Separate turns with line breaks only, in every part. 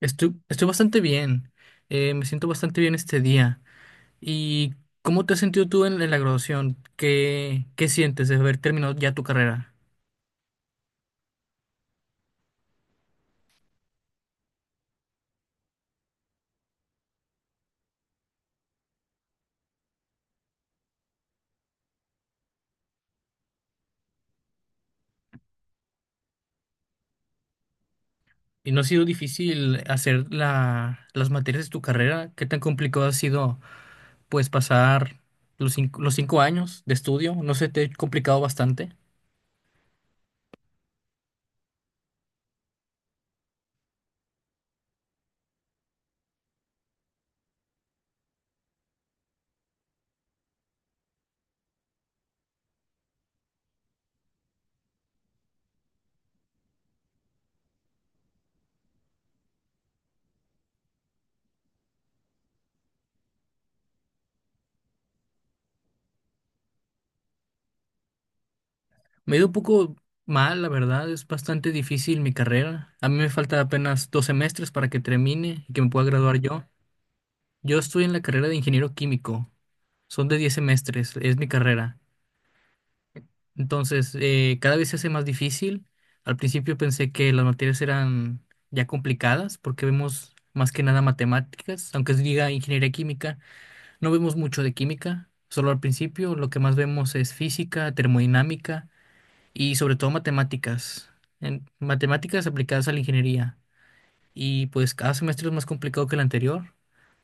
Estoy bastante bien. Me siento bastante bien este día. ¿Y cómo te has sentido tú en la graduación? ¿Qué sientes de haber terminado ya tu carrera? ¿Y no ha sido difícil hacer las materias de tu carrera? ¿Qué tan complicado ha sido, pues, pasar los cinco años de estudio? ¿No se te ha complicado bastante? Me ha ido un poco mal, la verdad. Es bastante difícil mi carrera. A mí me falta apenas 2 semestres para que termine y que me pueda graduar yo. Yo estoy en la carrera de ingeniero químico. Son de 10 semestres, es mi carrera. Entonces, cada vez se hace más difícil. Al principio pensé que las materias eran ya complicadas porque vemos más que nada matemáticas, aunque se diga ingeniería química, no vemos mucho de química, solo al principio lo que más vemos es física, termodinámica y sobre todo matemáticas, matemáticas aplicadas a la ingeniería. Y pues cada semestre es más complicado que el anterior,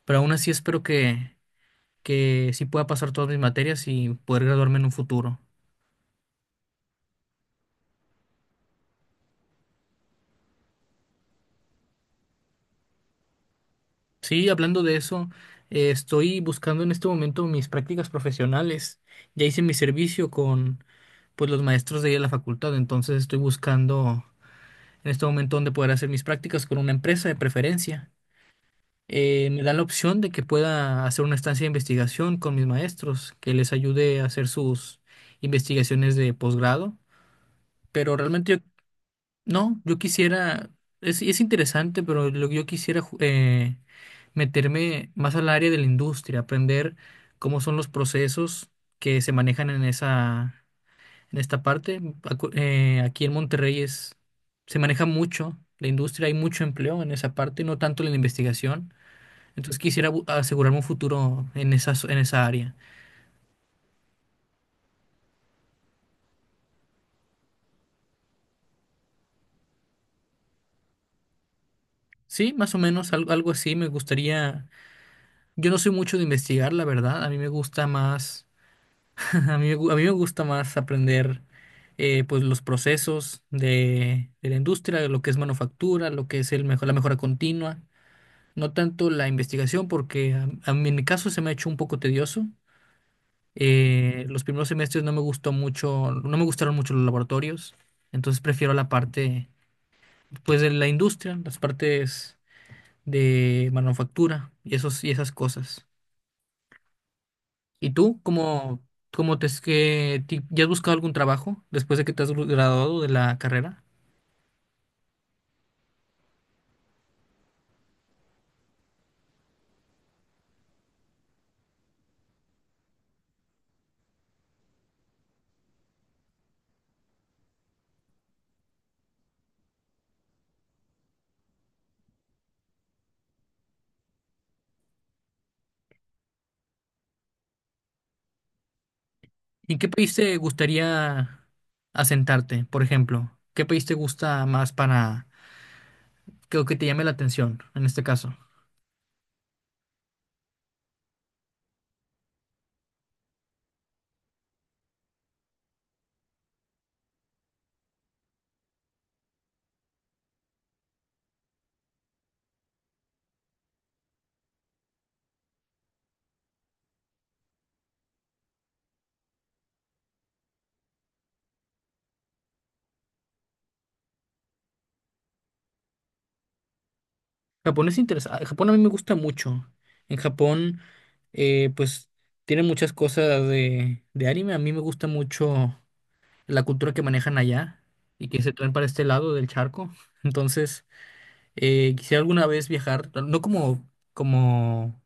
pero aún así espero que sí pueda pasar todas mis materias y poder graduarme en un futuro. Sí, hablando de eso, estoy buscando en este momento mis prácticas profesionales. Ya hice mi servicio con pues los maestros de ahí de la facultad, entonces estoy buscando en este momento dónde poder hacer mis prácticas con una empresa de preferencia. Me dan la opción de que pueda hacer una estancia de investigación con mis maestros, que les ayude a hacer sus investigaciones de posgrado, pero realmente yo no, yo quisiera, es interesante, pero lo que yo quisiera meterme más al área de la industria, aprender cómo son los procesos que se manejan en esta parte. Aquí en Monterrey se maneja mucho la industria, hay mucho empleo en esa parte, no tanto en la investigación. Entonces quisiera asegurarme un futuro en esa área. Sí, más o menos algo así. Me gustaría, yo no soy mucho de investigar, la verdad. A mí me gusta más. A mí me gusta más aprender pues los procesos de la industria, de lo que es manufactura, lo que es la mejora continua, no tanto la investigación, porque a mí en mi caso se me ha hecho un poco tedioso. Los primeros semestres no me gustó mucho, no me gustaron mucho los laboratorios, entonces prefiero la parte pues de la industria, las partes de manufactura y esas cosas. ¿Y tú cómo te es que ya has buscado algún trabajo después de que te has graduado de la carrera? ¿En qué país te gustaría asentarte, por ejemplo? ¿Qué país te gusta más para que te llame la atención en este caso? Japón es interesante. Japón a mí me gusta mucho. En Japón, pues tiene muchas cosas de anime. A mí me gusta mucho la cultura que manejan allá y que se traen para este lado del charco. Entonces. Quisiera alguna vez viajar, no no como,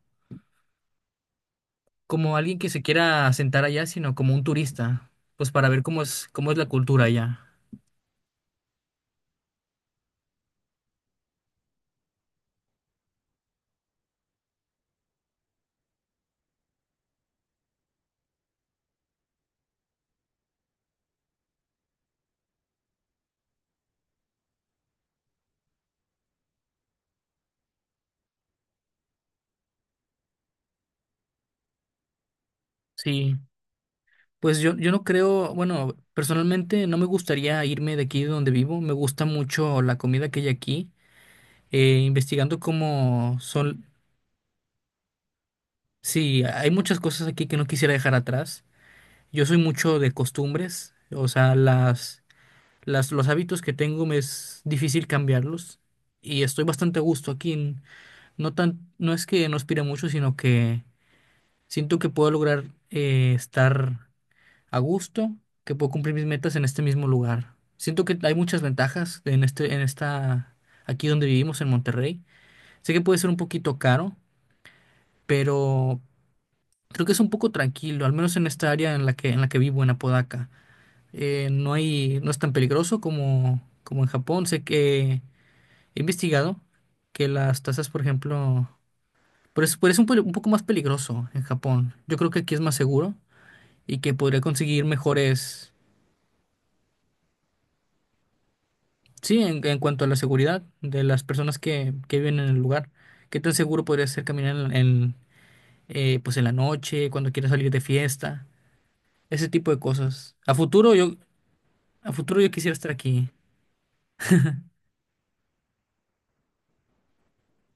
como alguien que se quiera asentar allá, sino como un turista, pues para ver cómo es la cultura allá. Sí, pues yo no creo, bueno, personalmente no me gustaría irme de aquí de donde vivo, me gusta mucho la comida que hay aquí, investigando cómo son, sí, hay muchas cosas aquí que no quisiera dejar atrás. Yo soy mucho de costumbres, o sea, los hábitos que tengo me es difícil cambiarlos y estoy bastante a gusto aquí. No tan, no es que no aspire mucho, sino que siento que puedo lograr estar a gusto, que puedo cumplir mis metas en este mismo lugar. Siento que hay muchas ventajas en este, en esta, aquí donde vivimos, en Monterrey. Sé que puede ser un poquito caro, pero creo que es un poco tranquilo, al menos en esta área en la que vivo, en Apodaca. No hay, no es tan peligroso como en Japón. Sé que He investigado que las tasas, por ejemplo, por eso un poco más peligroso en Japón. Yo creo que aquí es más seguro y que podría conseguir mejores, sí, en cuanto a la seguridad de las personas que viven en el lugar. ¿Qué tan seguro podría ser caminar pues en la noche, cuando quieras salir de fiesta? Ese tipo de cosas. A futuro yo quisiera estar aquí.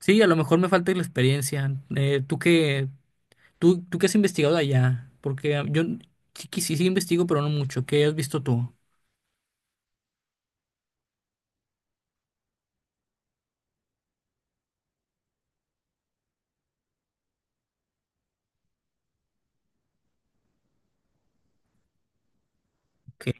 Sí, a lo mejor me falta la experiencia. ¿Tú qué has investigado allá? Porque yo sí, que sí investigo, pero no mucho. ¿Qué has visto tú? ¿Qué?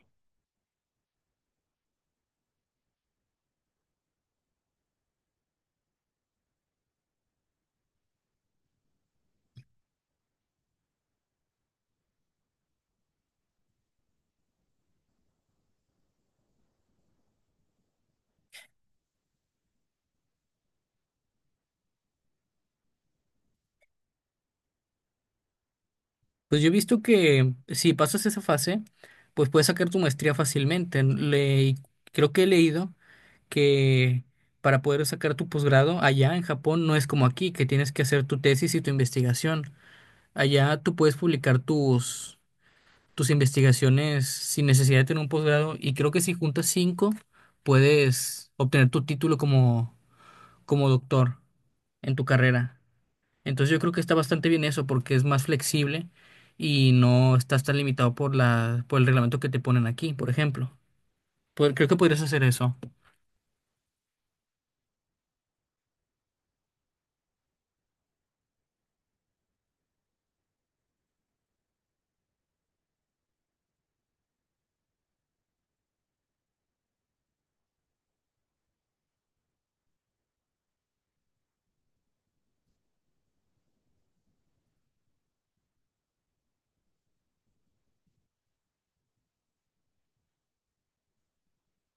Pues yo he visto que si pasas esa fase, pues puedes sacar tu maestría fácilmente. Creo que he leído que para poder sacar tu posgrado allá en Japón no es como aquí, que tienes que hacer tu tesis y tu investigación. Allá tú puedes publicar tus investigaciones sin necesidad de tener un posgrado y creo que si juntas cinco puedes obtener tu título como doctor en tu carrera. Entonces yo creo que está bastante bien eso porque es más flexible y no estás tan limitado por el reglamento que te ponen aquí, por ejemplo. Creo que podrías hacer eso.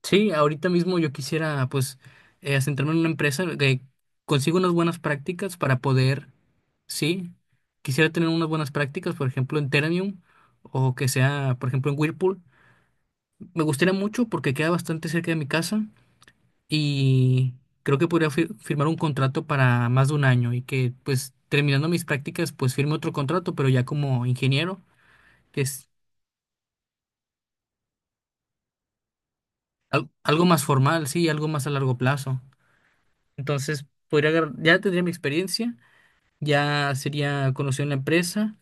Sí, ahorita mismo yo quisiera pues centrarme en una empresa que consiga unas buenas prácticas para poder, sí, quisiera tener unas buenas prácticas, por ejemplo, en Teranium o que sea, por ejemplo, en Whirlpool. Me gustaría mucho porque queda bastante cerca de mi casa y creo que podría firmar un contrato para más de un año y que pues terminando mis prácticas pues firme otro contrato, pero ya como ingeniero, que es algo más formal, sí, algo más a largo plazo. Entonces, ya tendría mi experiencia, ya sería conocido en la empresa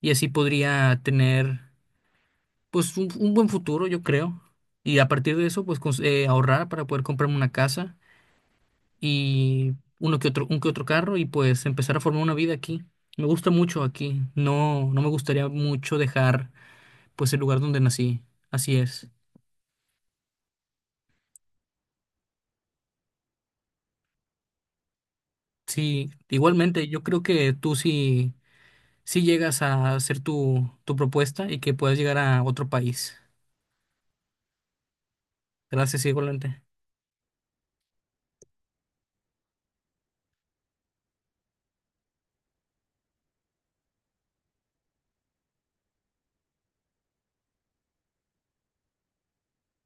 y así podría tener pues un buen futuro, yo creo. Y a partir de eso, pues ahorrar para poder comprarme una casa y un que otro carro y pues empezar a formar una vida aquí. Me gusta mucho aquí. No, no me gustaría mucho dejar pues el lugar donde nací. Así es. Sí, igualmente, yo creo que tú sí llegas a hacer tu propuesta y que puedas llegar a otro país. Gracias, igualmente.